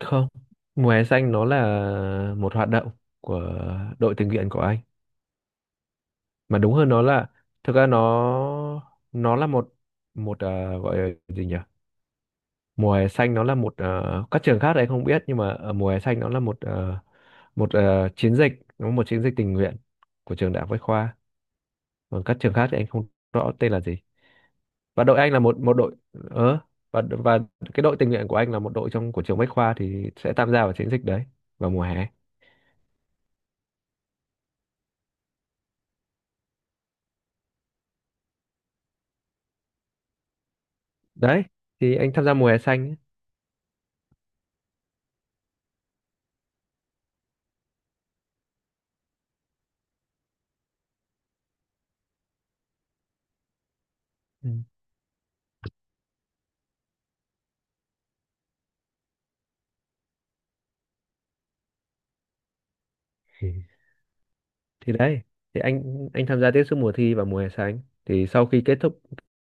Không, mùa hè xanh nó là một hoạt động của đội tình nguyện của anh. Mà đúng hơn nó là, thực ra nó là một một, gọi là gì nhỉ? Mùa hè xanh nó là một, các trường khác thì anh không biết, nhưng mà ở mùa hè xanh nó là chiến dịch, nó một chiến dịch tình nguyện của trường Đại học Bách Khoa. Còn các trường khác thì anh không rõ tên là gì. Và đội anh là một một đội, ờ và cái đội tình nguyện của anh là một đội trong của trường Bách Khoa thì sẽ tham gia vào chiến dịch đấy vào mùa hè. Đấy, thì anh tham gia mùa hè xanh ấy. Ừ. Ừ. Thì đấy, thì anh tham gia tiếp sức mùa thi và mùa hè xanh, thì sau khi kết thúc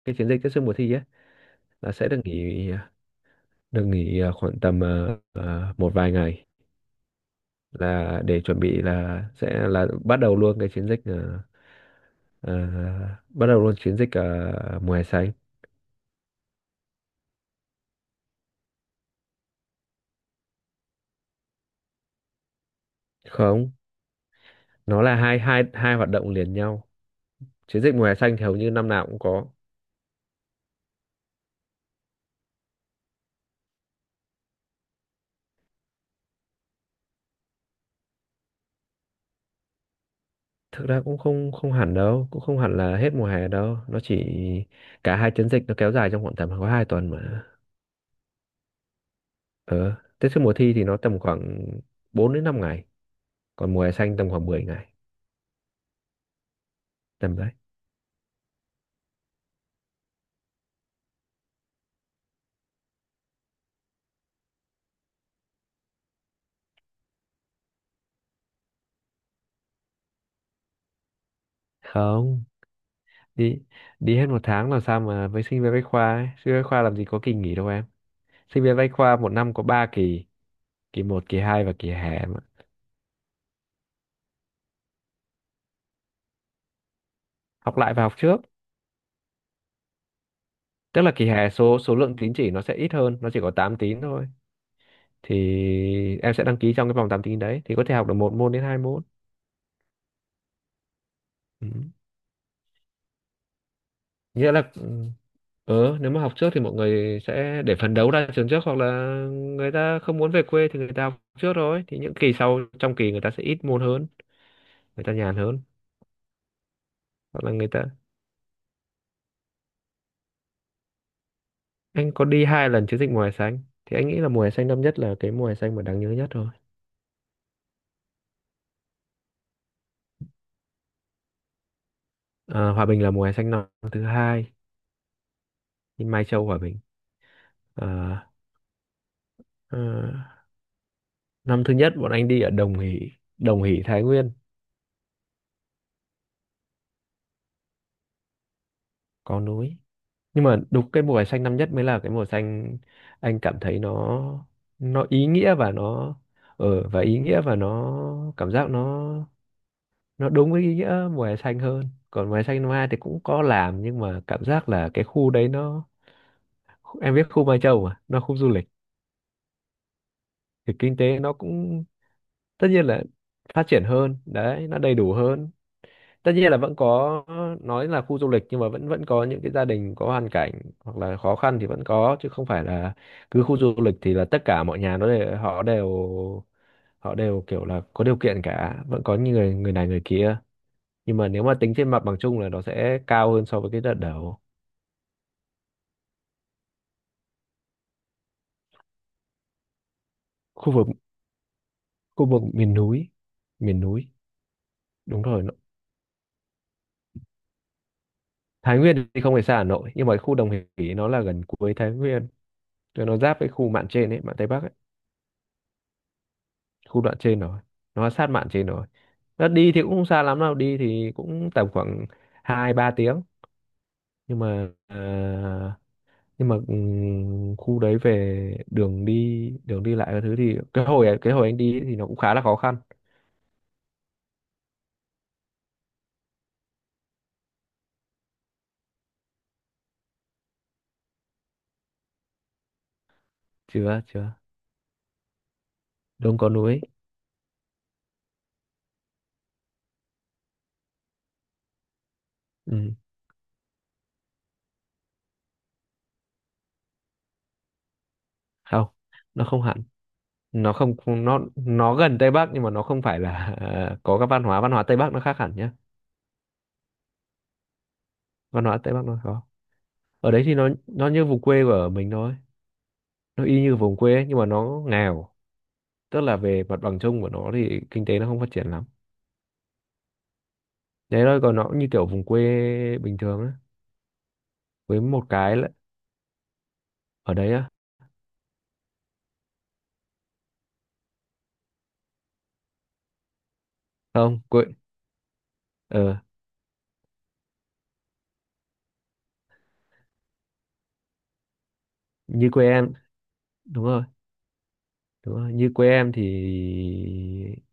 cái chiến dịch tiếp sức mùa thi ấy là sẽ được nghỉ, được nghỉ khoảng tầm một vài ngày, là để chuẩn bị là sẽ là bắt đầu luôn cái chiến dịch, à, bắt đầu luôn chiến dịch mùa hè xanh. Không, nó là hai hai hai hoạt động liền nhau. Chiến dịch mùa hè xanh thì hầu như năm nào cũng có. Thực ra cũng không không hẳn đâu, cũng không hẳn là hết mùa hè đâu, nó chỉ, cả hai chiến dịch nó kéo dài trong khoảng tầm có 2 tuần mà. Ờ Tết trước mùa thi thì nó tầm khoảng 4 đến 5 ngày, còn mùa hè xanh tầm khoảng 10 ngày, tầm đấy. Không, đi đi hết một tháng làm sao mà, với sinh viên bách khoa ấy. Sinh viên bách khoa làm gì có kỳ nghỉ đâu em. Sinh viên bách khoa một năm có 3 kỳ: kỳ một, kỳ 2 và kỳ hè mà. Học lại và học trước. Tức là kỳ hè số số lượng tín chỉ nó sẽ ít hơn, nó chỉ có 8 tín thôi, thì em sẽ đăng ký trong cái vòng 8 tín đấy thì có thể học được một môn đến hai môn. Ừ. Nghĩa là ừ, nếu mà học trước thì mọi người sẽ để phấn đấu ra trường trước, hoặc là người ta không muốn về quê thì người ta học trước rồi, thì những kỳ sau trong kỳ người ta sẽ ít môn hơn, người ta nhàn hơn. Hoặc là người ta, anh có đi 2 lần chiến dịch mùa hè xanh, thì anh nghĩ là mùa hè xanh năm nhất là cái mùa hè xanh mà đáng nhớ nhất thôi. Ờ, Hòa Bình là mùa hè xanh năm thứ hai, đi Mai Châu Hòa Bình. Ờ, ờ, năm thứ nhất bọn anh đi ở Đồng Hỷ, Đồng Hỷ Thái Nguyên. Có núi, nhưng mà đúng cái mùa vải xanh năm nhất mới là cái mùa xanh anh cảm thấy nó ý nghĩa, và nó. Và ý nghĩa, và nó cảm giác nó đúng với ý nghĩa mùa hè xanh hơn. Còn mùa hè xanh năm hai thì cũng có làm, nhưng mà cảm giác là cái khu đấy nó, em biết khu Mai Châu mà, nó khu du lịch thì kinh tế nó cũng, tất nhiên là phát triển hơn đấy, nó đầy đủ hơn. Tất nhiên là vẫn có, nói là khu du lịch nhưng mà vẫn vẫn có những cái gia đình có hoàn cảnh hoặc là khó khăn, thì vẫn có, chứ không phải là cứ khu du lịch thì là tất cả mọi nhà nó đều, họ đều, họ đều kiểu là có điều kiện cả, vẫn có những người, người này người kia. Nhưng mà nếu mà tính trên mặt bằng chung là nó sẽ cao hơn so với cái đợt đầu. Khu vực, khu vực miền núi, miền núi. Đúng rồi, nó, Thái Nguyên thì không phải xa Hà Nội, nhưng mà khu Đồng Hỷ nó là gần cuối Thái Nguyên, cho nó giáp với khu mạn trên ấy, mạn Tây Bắc ấy. Khu đoạn trên rồi, nó sát mạn trên rồi, nó đi thì cũng không xa lắm đâu, đi thì cũng tầm khoảng hai ba tiếng. Nhưng mà nhưng mà khu đấy về đường đi, đường đi lại cái thứ, thì cái hồi anh đi ấy thì nó cũng khá là khó khăn. Chưa chưa, đông có núi. Ừ. Không, nó không hẳn, nó không, nó gần Tây Bắc nhưng mà nó không phải là có các văn hóa, văn hóa Tây Bắc nó khác hẳn nhá. Văn hóa Tây Bắc nó khó. Ở đấy thì nó như vùng quê của mình thôi, nó y như vùng quê ấy, nhưng mà nó nghèo. Tức là về mặt bằng chung của nó thì kinh tế nó không phát triển lắm, đấy thôi. Còn nó cũng như kiểu vùng quê bình thường á. Với một cái là ở đấy á, không, quê, ờ, như quê em. Đúng rồi, đúng rồi, như quê em thì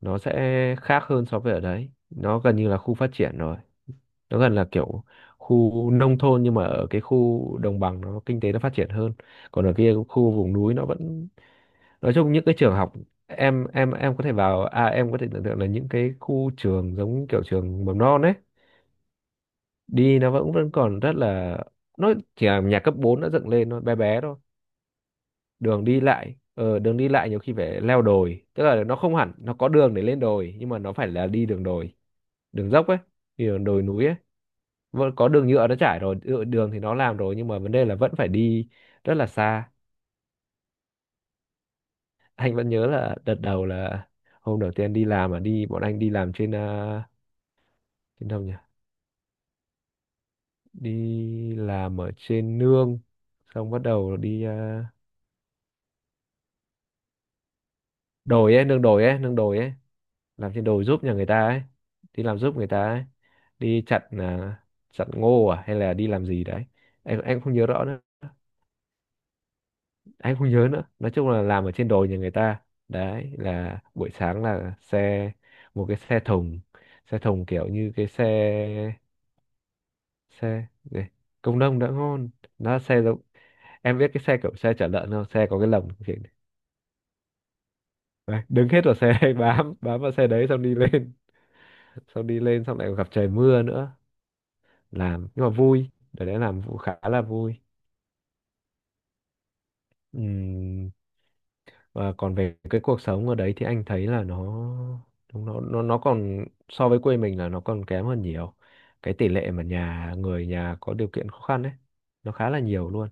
nó sẽ khác hơn, so với ở đấy nó gần như là khu phát triển rồi. Nó gần là kiểu khu nông thôn, nhưng mà ở cái khu đồng bằng nó kinh tế nó phát triển hơn. Còn ở kia khu vùng núi nó vẫn, nói chung những cái trường học, em có thể vào, à em có thể tưởng tượng là những cái khu trường giống kiểu trường mầm non ấy, đi nó vẫn vẫn còn rất là, nó chỉ là nhà cấp 4 đã dựng lên, nó bé bé thôi. Đường đi lại đường đi lại nhiều khi phải leo đồi, tức là nó không hẳn nó có đường để lên đồi, nhưng mà nó phải là đi đường đồi, đường dốc ấy, đi đường đồi núi ấy. Vẫn có đường nhựa nó trải rồi, nhựa đường thì nó làm rồi, nhưng mà vấn đề là vẫn phải đi rất là xa. Anh vẫn nhớ là đợt đầu là hôm đầu tiên đi làm, mà đi bọn anh đi làm trên đến đâu nhỉ, đi làm ở trên nương. Xong bắt đầu đi, đồi ấy, nương đồi ấy, nương đồi ấy, làm trên đồi giúp nhà người ta ấy, đi làm giúp người ta ấy, đi chặt chặt ngô à hay là đi làm gì đấy, em không nhớ rõ nữa, anh không nhớ nữa, nói chung là làm ở trên đồi nhà người ta. Đấy là buổi sáng là xe, một cái xe thùng, xe thùng kiểu như cái xe, xe này, công nông đã ngon. Nó là xe giống, em biết cái xe kiểu xe chở lợn không, xe có cái lồng kiểu. Đấy, đứng hết vào xe bám bám vào xe đấy xong đi lên, xong đi lên, xong lại còn gặp trời mưa nữa. Làm nhưng mà vui, để đấy làm vụ khá là vui. Ừm, và còn về cái cuộc sống ở đấy thì anh thấy là nó nó còn so với quê mình là nó còn kém hơn nhiều. Cái tỷ lệ mà nhà người, nhà có điều kiện khó khăn ấy, nó khá là nhiều luôn.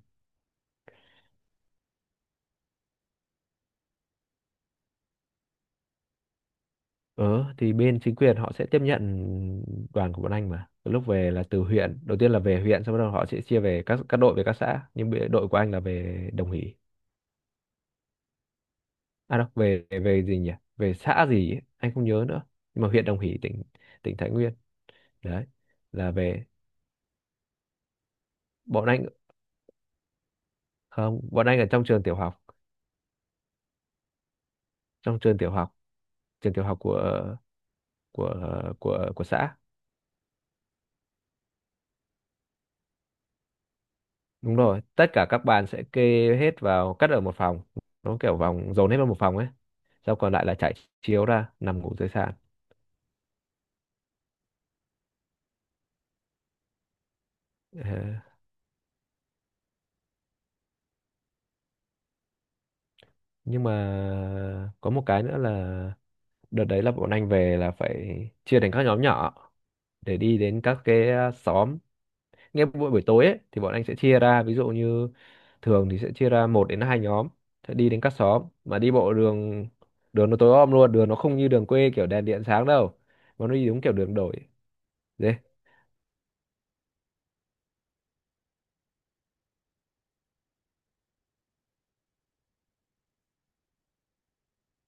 Ờ, thì bên chính quyền họ sẽ tiếp nhận đoàn của bọn anh mà. Từ lúc về là từ huyện, đầu tiên là về huyện, sau đó họ sẽ chia về các đội về các xã. Nhưng bị, đội của anh là về Đồng Hỷ. À đâu, về về gì nhỉ? Về xã gì ấy, anh không nhớ nữa. Nhưng mà huyện Đồng Hỷ, tỉnh tỉnh Thái Nguyên. Đấy. Là về, bọn anh, không, bọn anh ở trong trường tiểu học, trong trường tiểu học của của xã. Đúng rồi, tất cả các bạn sẽ kê hết vào, cất ở một phòng. Nó kiểu vòng dồn hết vào một phòng ấy, rau còn lại là trải chiếu ra nằm ngủ dưới sàn. Ờ, nhưng mà có một cái nữa là đợt đấy là bọn anh về là phải chia thành các nhóm nhỏ để đi đến các cái xóm. Nghe buổi buổi tối ấy thì bọn anh sẽ chia ra, ví dụ như thường thì sẽ chia ra một đến hai nhóm sẽ đi đến các xóm mà đi bộ đường đường nó tối om luôn, đường nó không như đường quê kiểu đèn điện sáng đâu mà nó đi đúng kiểu đường đổi đấy.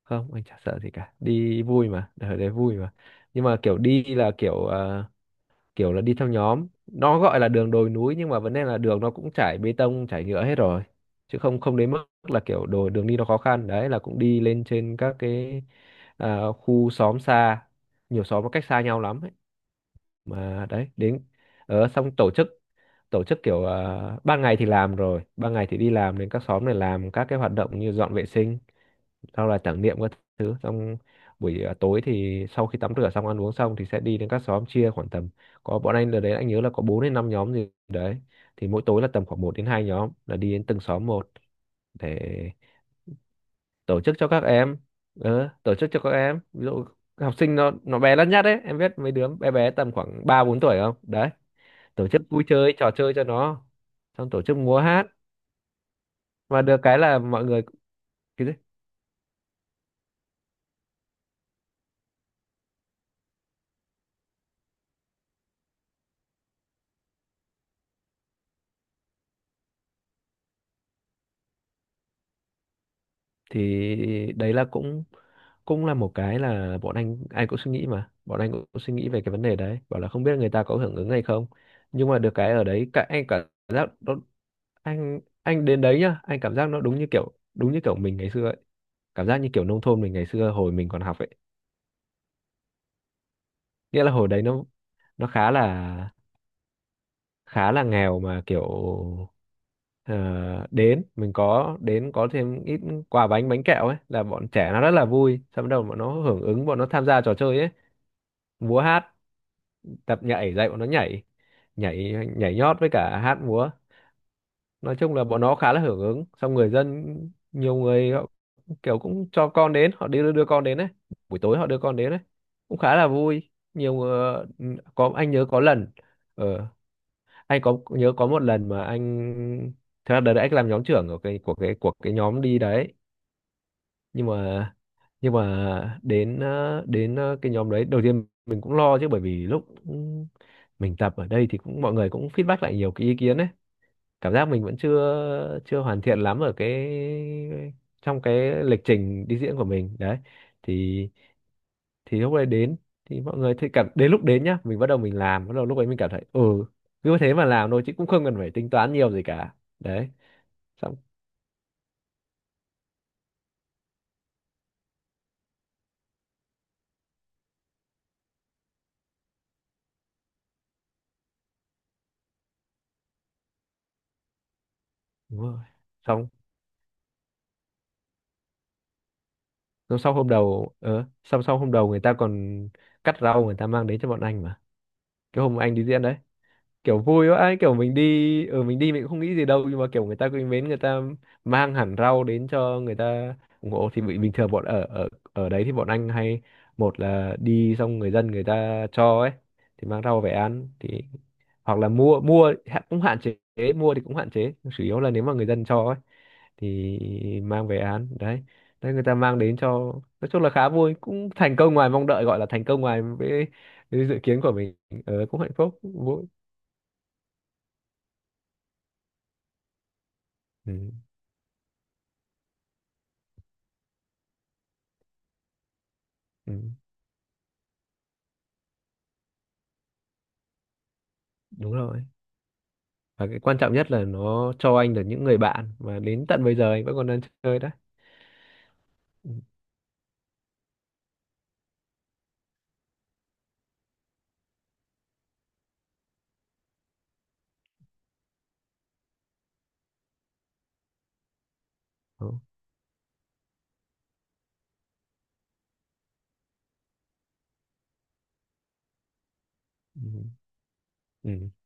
Không, anh chả sợ gì cả, đi vui mà, đời đấy vui mà. Nhưng mà kiểu đi là kiểu kiểu là đi theo nhóm, nó gọi là đường đồi núi nhưng mà vấn đề là đường nó cũng trải bê tông trải nhựa hết rồi chứ không không đến mức là kiểu đồ đường đi nó khó khăn đấy, là cũng đi lên trên các cái khu xóm xa, nhiều xóm nó cách xa nhau lắm ấy. Mà đấy, đến ở xong tổ chức kiểu ban ngày thì làm rồi, ban ngày thì đi làm đến các xóm này làm các cái hoạt động như dọn vệ sinh, sau là tưởng niệm các thứ. Xong buổi tối thì sau khi tắm rửa xong, ăn uống xong thì sẽ đi đến các xóm, chia khoảng tầm, có bọn anh ở đấy anh nhớ là có 4 đến 5 nhóm gì đấy thì mỗi tối là tầm khoảng một đến 2 nhóm là đi đến từng xóm một để tổ chức cho các em, tổ chức cho các em, ví dụ học sinh nó bé lắt nhát đấy, em biết mấy đứa bé bé tầm khoảng 3 4 tuổi không đấy, tổ chức vui chơi trò chơi cho nó, xong tổ chức múa hát mà được cái là mọi người. Cái gì? Thì đấy là cũng cũng là một cái là bọn anh ai cũng suy nghĩ, mà bọn anh cũng suy nghĩ về cái vấn đề đấy, bảo là không biết người ta có hưởng ứng hay không. Nhưng mà được cái ở đấy, cả anh cảm giác nó, anh đến đấy nhá, anh cảm giác nó đúng như kiểu mình ngày xưa ấy, cảm giác như kiểu nông thôn mình ngày xưa hồi mình còn học ấy. Nghĩa là hồi đấy nó khá là nghèo mà kiểu ờ, đến mình có đến có thêm ít quà bánh bánh kẹo ấy là bọn trẻ nó rất là vui, xong bắt đầu bọn nó hưởng ứng, bọn nó tham gia trò chơi ấy, múa hát, tập nhảy, dạy bọn nó nhảy nhảy nhảy nhót với cả hát múa. Nói chung là bọn nó khá là hưởng ứng, xong người dân nhiều người họ kiểu cũng cho con đến, họ đi đưa con đến đấy, buổi tối họ đưa con đến đấy, cũng khá là vui nhiều người. Có anh nhớ có lần, ờ, anh có nhớ có một lần mà anh, thật ra đợt đấy anh làm nhóm trưởng của cái, của cái nhóm đi đấy. Nhưng mà nhưng mà đến cái nhóm đấy đầu tiên mình cũng lo chứ, bởi vì lúc mình tập ở đây thì cũng mọi người cũng feedback lại nhiều cái ý kiến đấy, cảm giác mình vẫn chưa chưa hoàn thiện lắm ở cái, trong cái lịch trình đi diễn của mình đấy. Thì thì lúc đấy đến, thì mọi người thấy cảm, đến lúc đến nhá mình bắt đầu, mình làm bắt đầu lúc ấy mình cảm thấy ừ, cứ thế mà làm thôi chứ cũng không cần phải tính toán nhiều gì cả. Đấy. Xong đúng rồi. Xong xong sau hôm đầu ờ xong sau hôm đầu người ta còn cắt rau, người ta mang đến cho bọn anh mà, cái hôm anh đi diễn đấy, kiểu vui vãi, kiểu mình đi mình cũng không nghĩ gì đâu nhưng mà kiểu người ta quý mến, người ta mang hẳn rau đến cho, người ta ủng hộ thì bình thường bọn ở, ở đấy thì bọn anh hay, một là đi xong người dân người ta cho ấy thì mang rau về ăn, thì hoặc là mua, cũng hạn chế, mua thì cũng hạn chế, chủ yếu là nếu mà người dân cho ấy thì mang về ăn đấy, đấy người ta mang đến cho. Nói chung là khá vui, cũng thành công ngoài mong đợi, gọi là thành công ngoài với dự kiến của mình, cũng hạnh phúc. Ừ, ừ, đúng rồi, và cái quan trọng nhất là nó cho anh được những người bạn và đến tận bây giờ anh vẫn còn đang chơi đó. Ừ, đó. Ừ, ừ.